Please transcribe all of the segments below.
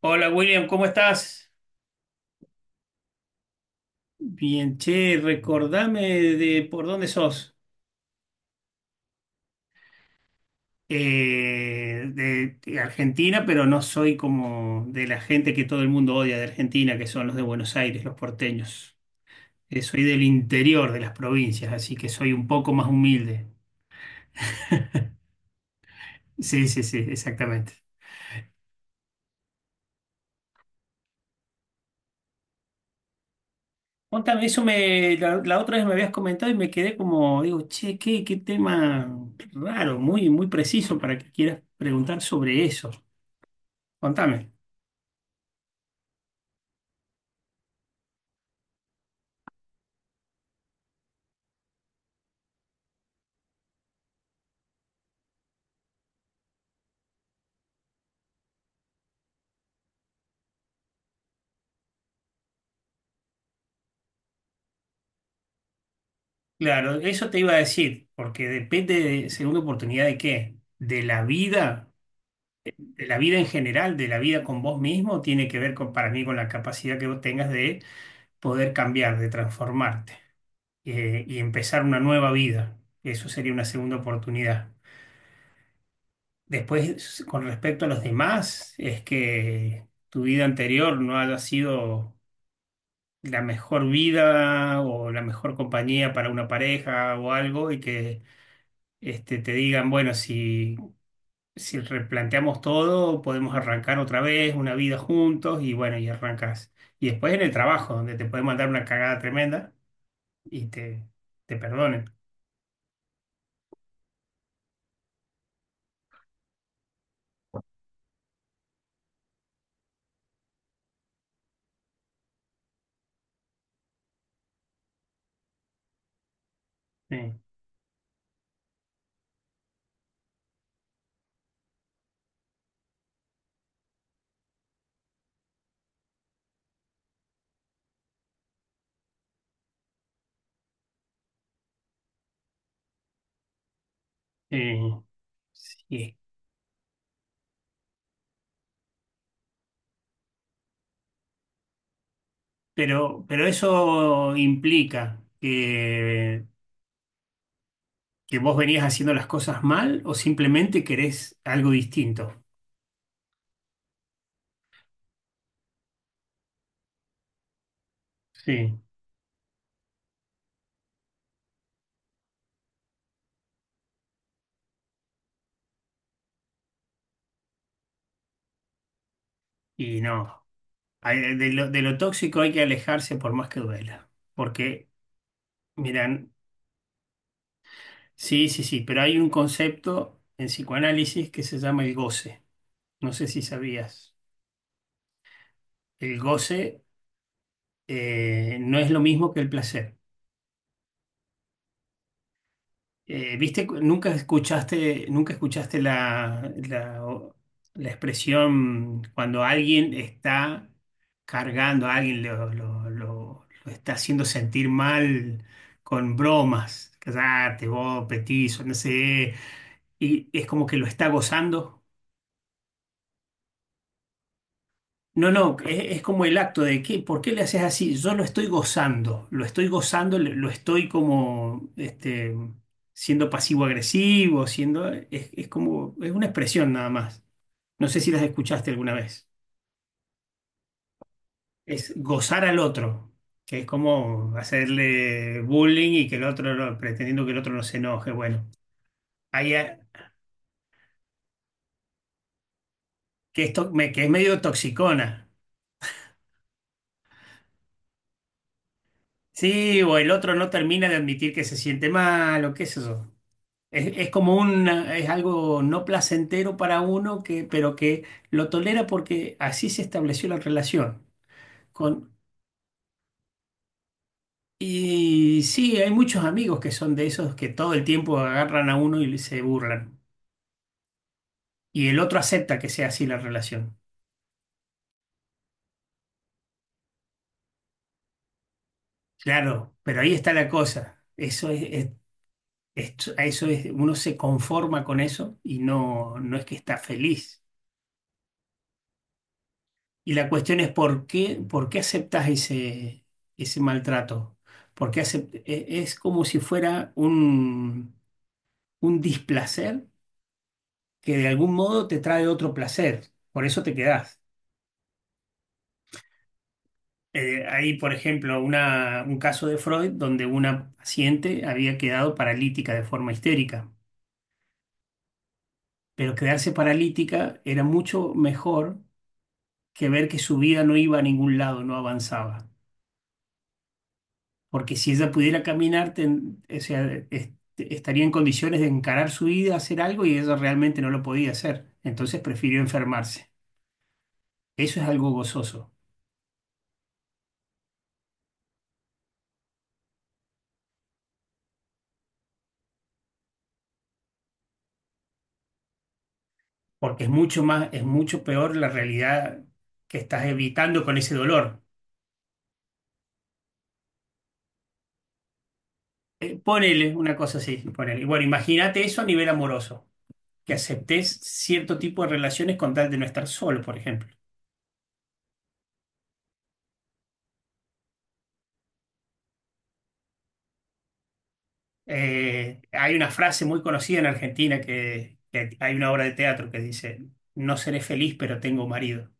Hola William, ¿cómo estás? Bien, che, recordame de por dónde sos. De Argentina, pero no soy como de la gente que todo el mundo odia de Argentina, que son los de Buenos Aires, los porteños. Soy del interior de las provincias, así que soy un poco más humilde. Sí, sí, sí, exactamente. Contame, eso me, la otra vez me habías comentado y me quedé como, digo, che, qué tema raro, muy, muy preciso para que quieras preguntar sobre eso. Contame. Claro, eso te iba a decir, porque depende de, según oportunidad de qué, de la vida en general, de la vida con vos mismo, tiene que ver con, para mí con la capacidad que vos tengas de poder cambiar, de transformarte y empezar una nueva vida. Eso sería una segunda oportunidad. Después, con respecto a los demás, es que tu vida anterior no haya sido la mejor vida o la mejor compañía para una pareja o algo y que este, te digan, bueno, si, si replanteamos todo, podemos arrancar otra vez una vida juntos y bueno, y arrancas. Y después en el trabajo, donde te pueden mandar una cagada tremenda y te perdonen. Sí, eh, sí. Pero eso implica que vos venías haciendo las cosas mal o simplemente querés algo distinto. Sí. Y no, hay- de lo tóxico hay que alejarse por más que duela. Porque, miran, sí, sí, sí, pero hay un concepto en psicoanálisis que se llama el goce. No sé si sabías. El goce no es lo mismo que el placer. ¿Viste? Nunca escuchaste, nunca escuchaste o- la expresión cuando alguien está cargando a alguien, lo está haciendo sentir mal con bromas. Cállate, vos, petizo, no sé. Y es como que lo está gozando. No, no, es como el acto de que, ¿por qué le haces así? Yo lo estoy gozando, lo estoy gozando, lo estoy como este, siendo pasivo-agresivo, siendo, es como, es una expresión nada más. No sé si las escuchaste alguna vez. Es gozar al otro, que es como hacerle bullying y que el otro, no- pretendiendo que el otro no se enoje. Bueno, ahí, a- que esto, me, que es medio toxicona. Sí, o el otro no termina de admitir que se siente mal, o qué es eso. Es como un, es algo no placentero para uno que, pero que lo tolera porque así se estableció la relación. Con, y sí, hay muchos amigos que son de esos que todo el tiempo agarran a uno y se burlan. Y el otro acepta que sea así la relación. Claro, pero ahí está la cosa. Eso es- esto- eso es, uno se conforma con eso y no, no es que está feliz. Y la cuestión es por qué aceptas ese, ese maltrato. Porque es como si fuera un displacer que de algún modo te trae otro placer. Por eso te quedás. Hay, por ejemplo, una- un caso de Freud donde una paciente había quedado paralítica de forma histérica. Pero quedarse paralítica era mucho mejor que ver que su vida no iba a ningún lado, no avanzaba. Porque si ella pudiera caminar, ten- o sea, est- estaría en condiciones de encarar su vida, hacer algo, y ella realmente no lo podía hacer. Entonces prefirió enfermarse. Eso es algo gozoso, porque es mucho más, es mucho peor la realidad que estás evitando con ese dolor. Ponele una cosa así, ponele. Y bueno, imagínate eso a nivel amoroso, que aceptes cierto tipo de relaciones con tal de no estar solo, por ejemplo. Hay una frase muy conocida en Argentina que hay una obra de teatro que dice, no seré feliz, pero tengo marido.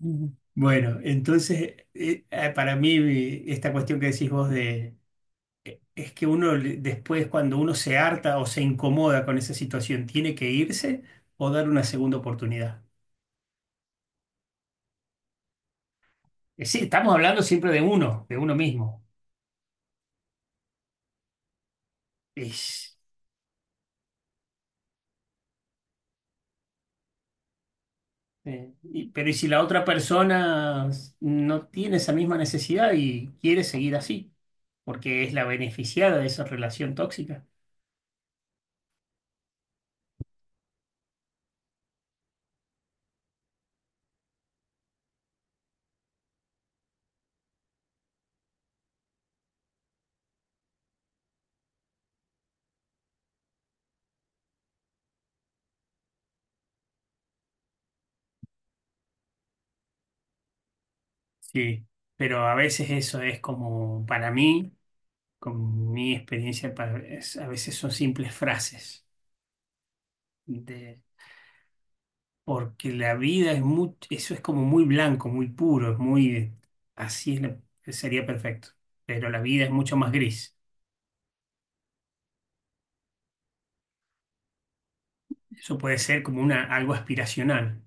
Ujú. Bueno, entonces, para mí esta cuestión que decís vos de, es que uno le- después cuando uno se harta o se incomoda con esa situación, tiene que irse o dar una segunda oportunidad. Sí, estamos hablando siempre de uno mismo. Y- pero ¿y si la otra persona s- no tiene esa misma necesidad y quiere seguir así? Porque es la beneficiada de esa relación tóxica. Sí, pero a veces eso es como, para mí, con mi experiencia, para- es- a veces son simples frases. De, porque la vida es muy, eso es como muy blanco, muy puro, es muy, así es la- sería perfecto. Pero la vida es mucho más gris. Eso puede ser como una, algo aspiracional.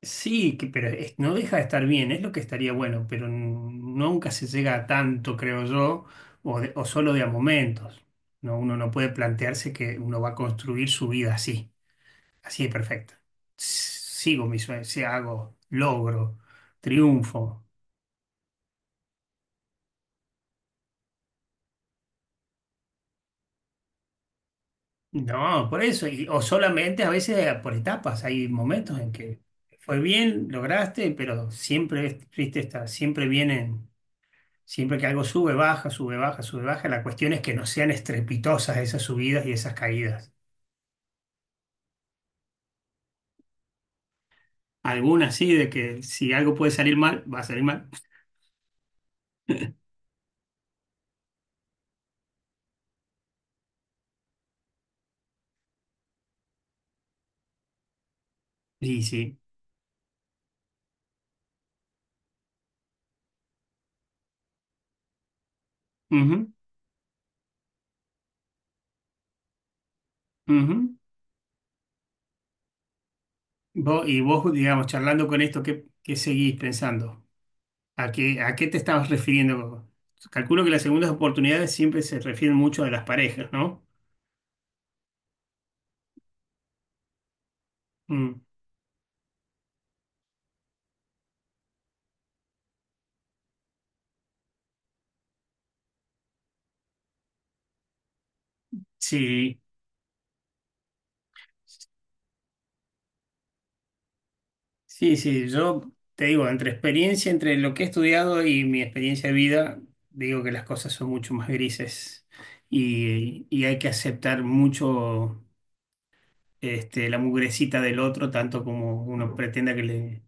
Sí, que- pero es- no deja de estar bien, es lo que estaría bueno, pero n- nunca se llega a tanto, creo yo, o, de- o solo de a momentos. No, uno no puede plantearse que uno va a construir su vida así, así de perfecta. S- Sigo mis sueños, si hago, logro, triunfo. No, por eso, y- o solamente a veces por etapas, hay momentos en que fue bien, lograste, pero siempre, es- viste, está, siempre vienen. Siempre que algo sube, baja, sube, baja, sube, baja, la cuestión es que no sean estrepitosas esas subidas y esas caídas. Algunas sí, de que si algo puede salir mal, va a salir mal. Y sí. Ujú, ujú. Vos- y vos, digamos, charlando con esto, ¿ qué seguís pensando? ¿ a qué te estabas refiriendo? Calculo que las segundas oportunidades siempre se refieren mucho a las parejas, ¿no? Mm, sí. Sí, sí, yo te digo, entre experiencia, entre lo que he estudiado y mi experiencia de vida, digo que las cosas son mucho más grises y hay que aceptar mucho este, la mugrecita del otro, tanto como uno pretenda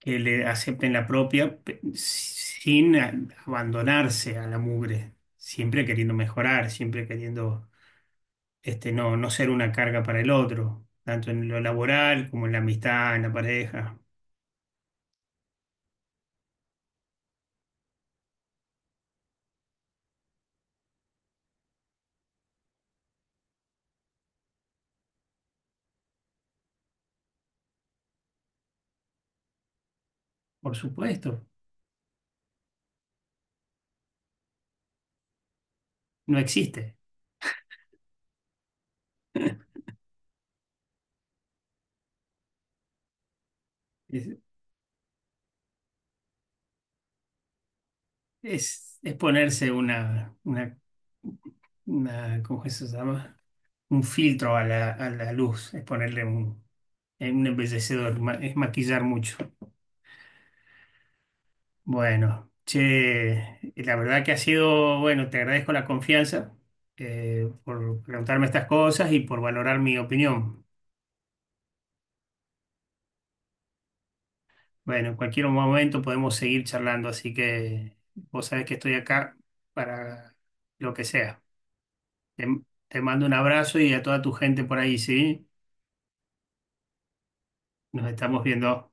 que le acepten la propia, pe- sin a- abandonarse a la mugre, siempre queriendo mejorar, siempre queriendo este, no, no ser una carga para el otro, tanto en lo laboral como en la amistad, en la pareja, por supuesto. No existe. Es, es ponerse una- ¿cómo es que se llama? Un filtro a la luz, es ponerle un embellecedor, ma- es maquillar mucho. Bueno, che, la verdad que ha sido, bueno, te agradezco la confianza por preguntarme estas cosas y por valorar mi opinión. Bueno, en cualquier momento podemos seguir charlando, así que vos sabés que estoy acá para lo que sea. Te, te mando un abrazo y a toda tu gente por ahí, ¿sí? Nos estamos viendo.